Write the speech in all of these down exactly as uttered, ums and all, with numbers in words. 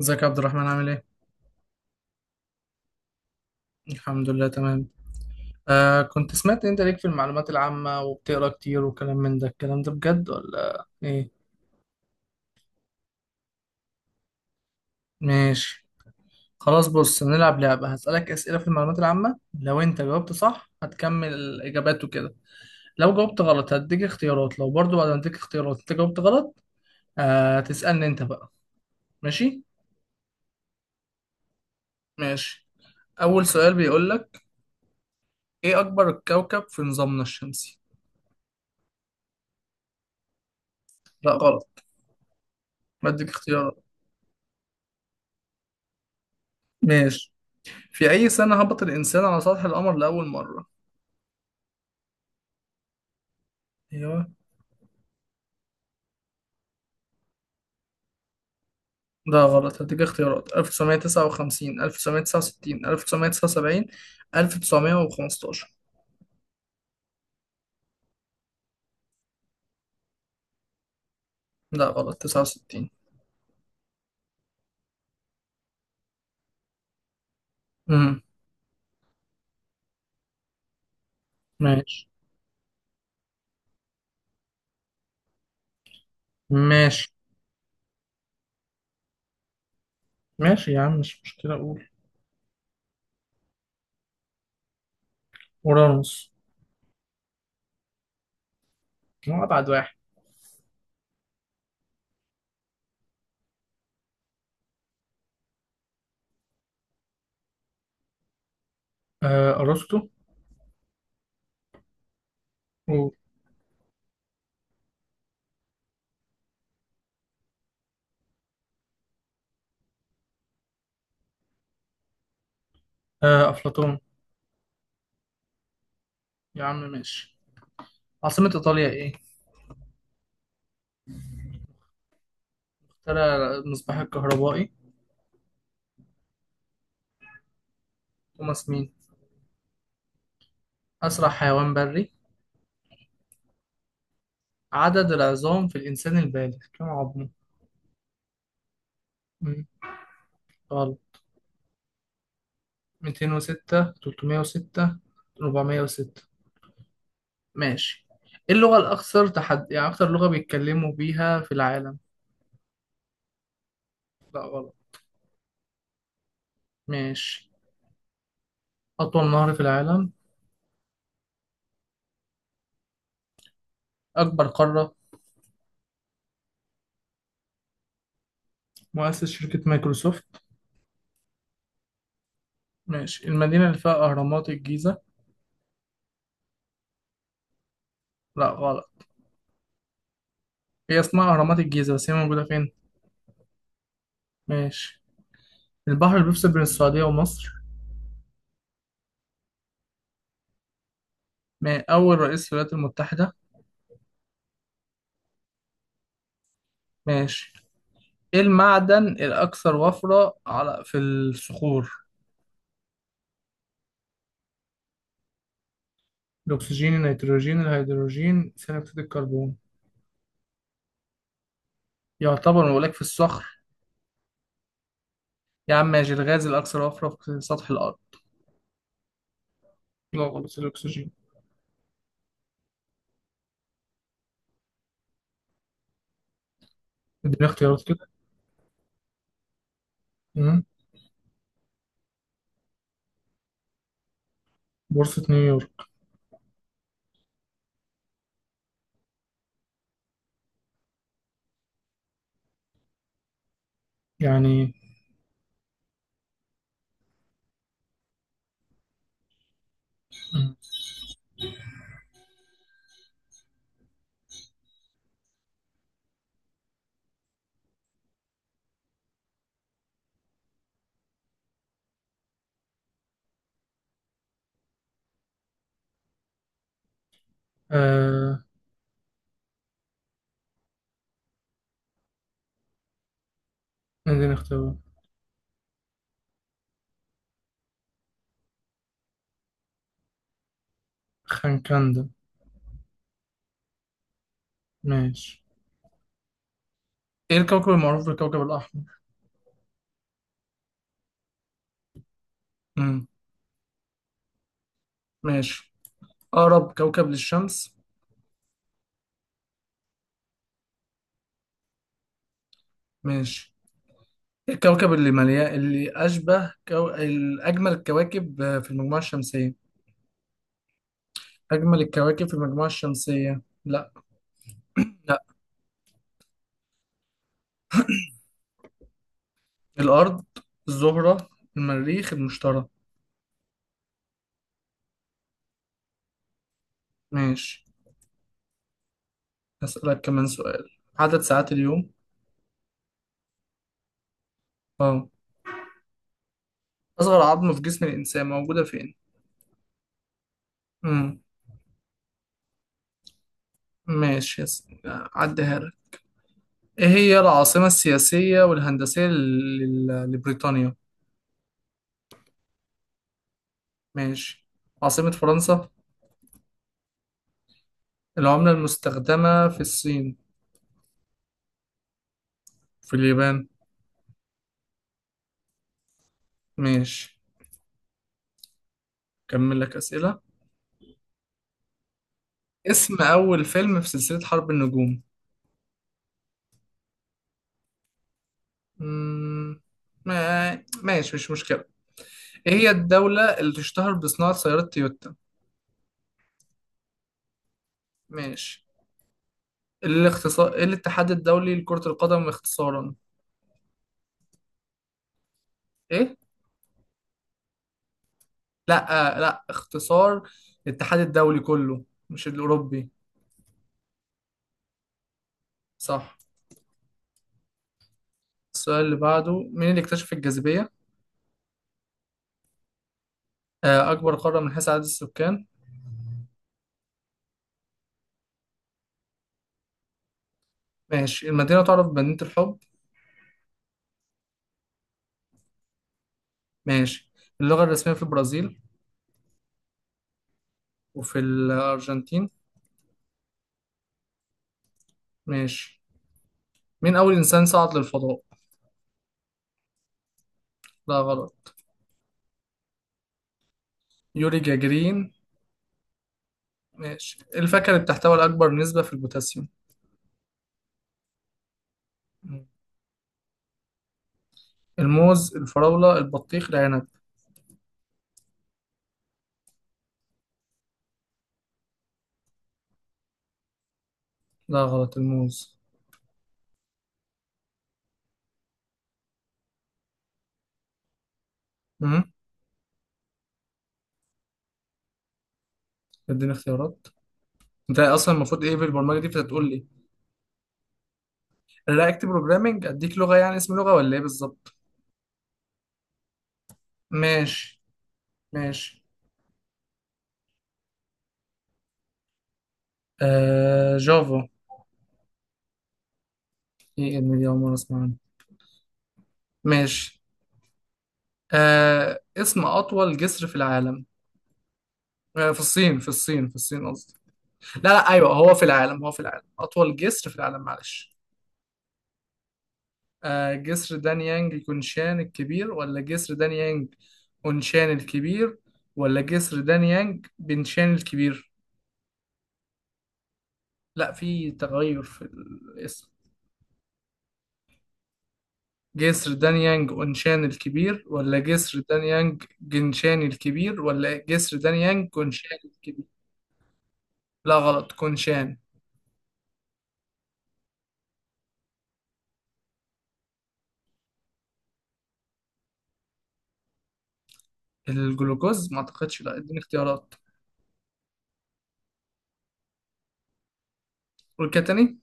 ازيك يا عبد الرحمن عامل ايه؟ الحمد لله تمام. آه كنت سمعت إن انت ليك في المعلومات العامة وبتقرا كتير وكلام من ده الكلام ده بجد ولا ايه؟ ماشي. خلاص بص هنلعب لعبة هسألك أسئلة في المعلومات العامة، لو انت جاوبت صح هتكمل الإجابات وكده، لو جاوبت غلط هديك اختيارات، لو برضو بعد ما اديك اختيارات انت جاوبت غلط آه تسألني انت بقى. ماشي؟ ماشي. أول سؤال بيقولك: ايه أكبر كوكب في نظامنا الشمسي؟ لا غلط، بديك اختيارات. ماشي. في أي سنة هبط الإنسان على سطح القمر لأول مرة؟ أيوه. ده غلط، هديك اختيارات: ألف وتسعمية تسعة وخمسين، ألف وتسعمية تسعة وستين، ألف وتسعمية تسعة وسبعين، ألف وتسعمية خمستاشر. لا غلط، تسعة وستين. امم ماشي ماشي. ماشي يا عم مش مشكلة أقول أورانوس. هو أبعد واحد. آه أرسطو. قول. آه أفلاطون. يا عم ماشي. عاصمة إيطاليا إيه؟ اخترع المصباح الكهربائي. توماس مين؟ أسرع حيوان بري. عدد العظام في الإنسان البالغ كم عظمه؟ غلط. ميتين وستة، تلتمية وستة، اربعمية وستة. ماشي. إيه اللغة الأكثر تحد، يعني أكثر لغة بيتكلموا بيها في العالم؟ لا غلط. ماشي. أطول نهر في العالم. أكبر قارة. مؤسس شركة مايكروسوفت. ماشي. المدينة اللي فيها أهرامات الجيزة. لا غلط. هي اسمها أهرامات الجيزة بس هي موجودة فين؟ ماشي. البحر اللي بيفصل بين السعودية ومصر. ما أول رئيس للولايات المتحدة. ماشي. إيه المعدن الأكثر وفرة على في الصخور؟ الأكسجين، النيتروجين، الهيدروجين، ثاني أكسيد الكربون. يعتبر مولاك في الصخر. يا عم ماشي. الغاز الأكثر وفرة في سطح الأرض. لا غلط، الأكسجين. اديني اختيارات كده. مم. بورصة نيويورك. يعني. مم. آه اديني اختيارات. خنكندا. ماشي. ايه الكوكب المعروف بالكوكب الأحمر؟ مم. ماشي. أقرب كوكب للشمس. ماشي. إيه الكوكب اللي مليان اللي أشبه كو... الأجمل الكواكب في المجموعة الشمسية؟ أجمل الكواكب في المجموعة الشمسية؟ لا لا. الأرض، الزهرة، المريخ، المشتري. ماشي. هسألك كمان سؤال. عدد ساعات اليوم. اه. أصغر عظمة في جسم الإنسان موجودة فين؟ مم. ماشي هس- عديها لك. إيه هي العاصمة السياسية والهندسية لل- لبريطانيا؟ ماشي. عاصمة فرنسا. العملة المستخدمة في الصين. في اليابان. ماشي. كمل لك أسئلة. اسم أول فيلم في سلسلة حرب النجوم. مم. ما- ماشي مش مشكلة. ايه هي الدولة اللي تشتهر بصناعة سيارات تويوتا؟ ماشي. الاختصار ايه الاتحاد الدولي لكرة القدم اختصارا؟ ايه؟ لا. آه، لا اختصار الاتحاد الدولي كله، مش الأوروبي. صح. السؤال اللي بعده: مين اللي اكتشف الجاذبية؟ آه، أكبر قارة من حيث عدد السكان. ماشي. المدينة تعرف بمدينة الحب. ماشي. اللغة الرسمية في البرازيل. وفي الأرجنتين. ماشي. مين أول إنسان صعد للفضاء؟ لا غلط. يوري جاجرين. ماشي. الفاكهة اللي بتحتوي على أكبر نسبة في البوتاسيوم. مم. الموز، الفراولة، البطيخ، العنب. لا غلط، الموز. امم اديني اختيارات. انت اصلا المفروض ايه في البرمجة دي بتقول لي؟ الرياكت بروجرامنج اديك لغة يعني اسم لغة ولا ايه بالظبط؟ ماشي ماشي. آه جافا. ايه ابني، دي أول مرة اسمع عنه. ماشي. آه اسم أطول جسر في العالم. آه في الصين، في الصين في الصين قصدي. لا لا ايوه، هو في العالم، هو في العالم، أطول جسر في العالم، معلش. آه جسر دانيانج كونشان الكبير ولا جسر دانيانج اونشان الكبير ولا جسر دانيانج بنشان الكبير؟ لا في تغير في الاسم. جسر دانيانج اونشان الكبير ولا جسر دانيانج جنشان الكبير ولا جسر دانيانج كونشان الكبير؟ لا غلط، كونشان. الجلوكوز ما اعتقدش، لا اديني اختيارات. والكتاني.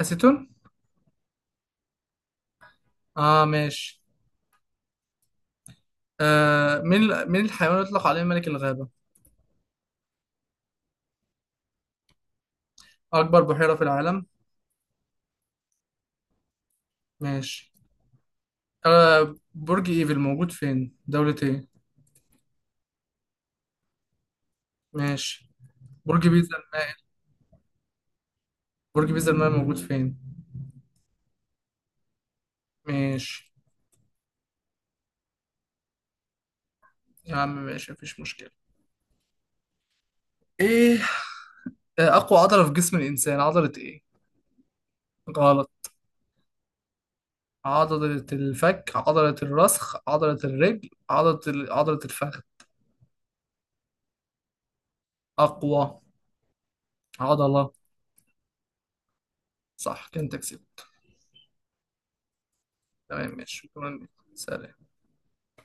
اسيتون. اه ماشي. آه من من الحيوان يطلق عليه ملك الغابة؟ اكبر بحيرة في العالم. ماشي. آه برج ايفل موجود فين، دولة ايه؟ ماشي. برج بيزا المائل. برج بيزا المائل موجود فين؟ ماشي يا عم، ماشي، مفيش مشكلة. ايه. آه، اقوى عضلة في جسم الانسان عضلة ايه؟ غلط. عضلة الفك، عضلة الرسخ، عضلة الرجل، عضلة ال- عضلة الفخذ. اقوى عضلة. صح، كنت تكسب. تمام ماشي. شكرا لك. سلام.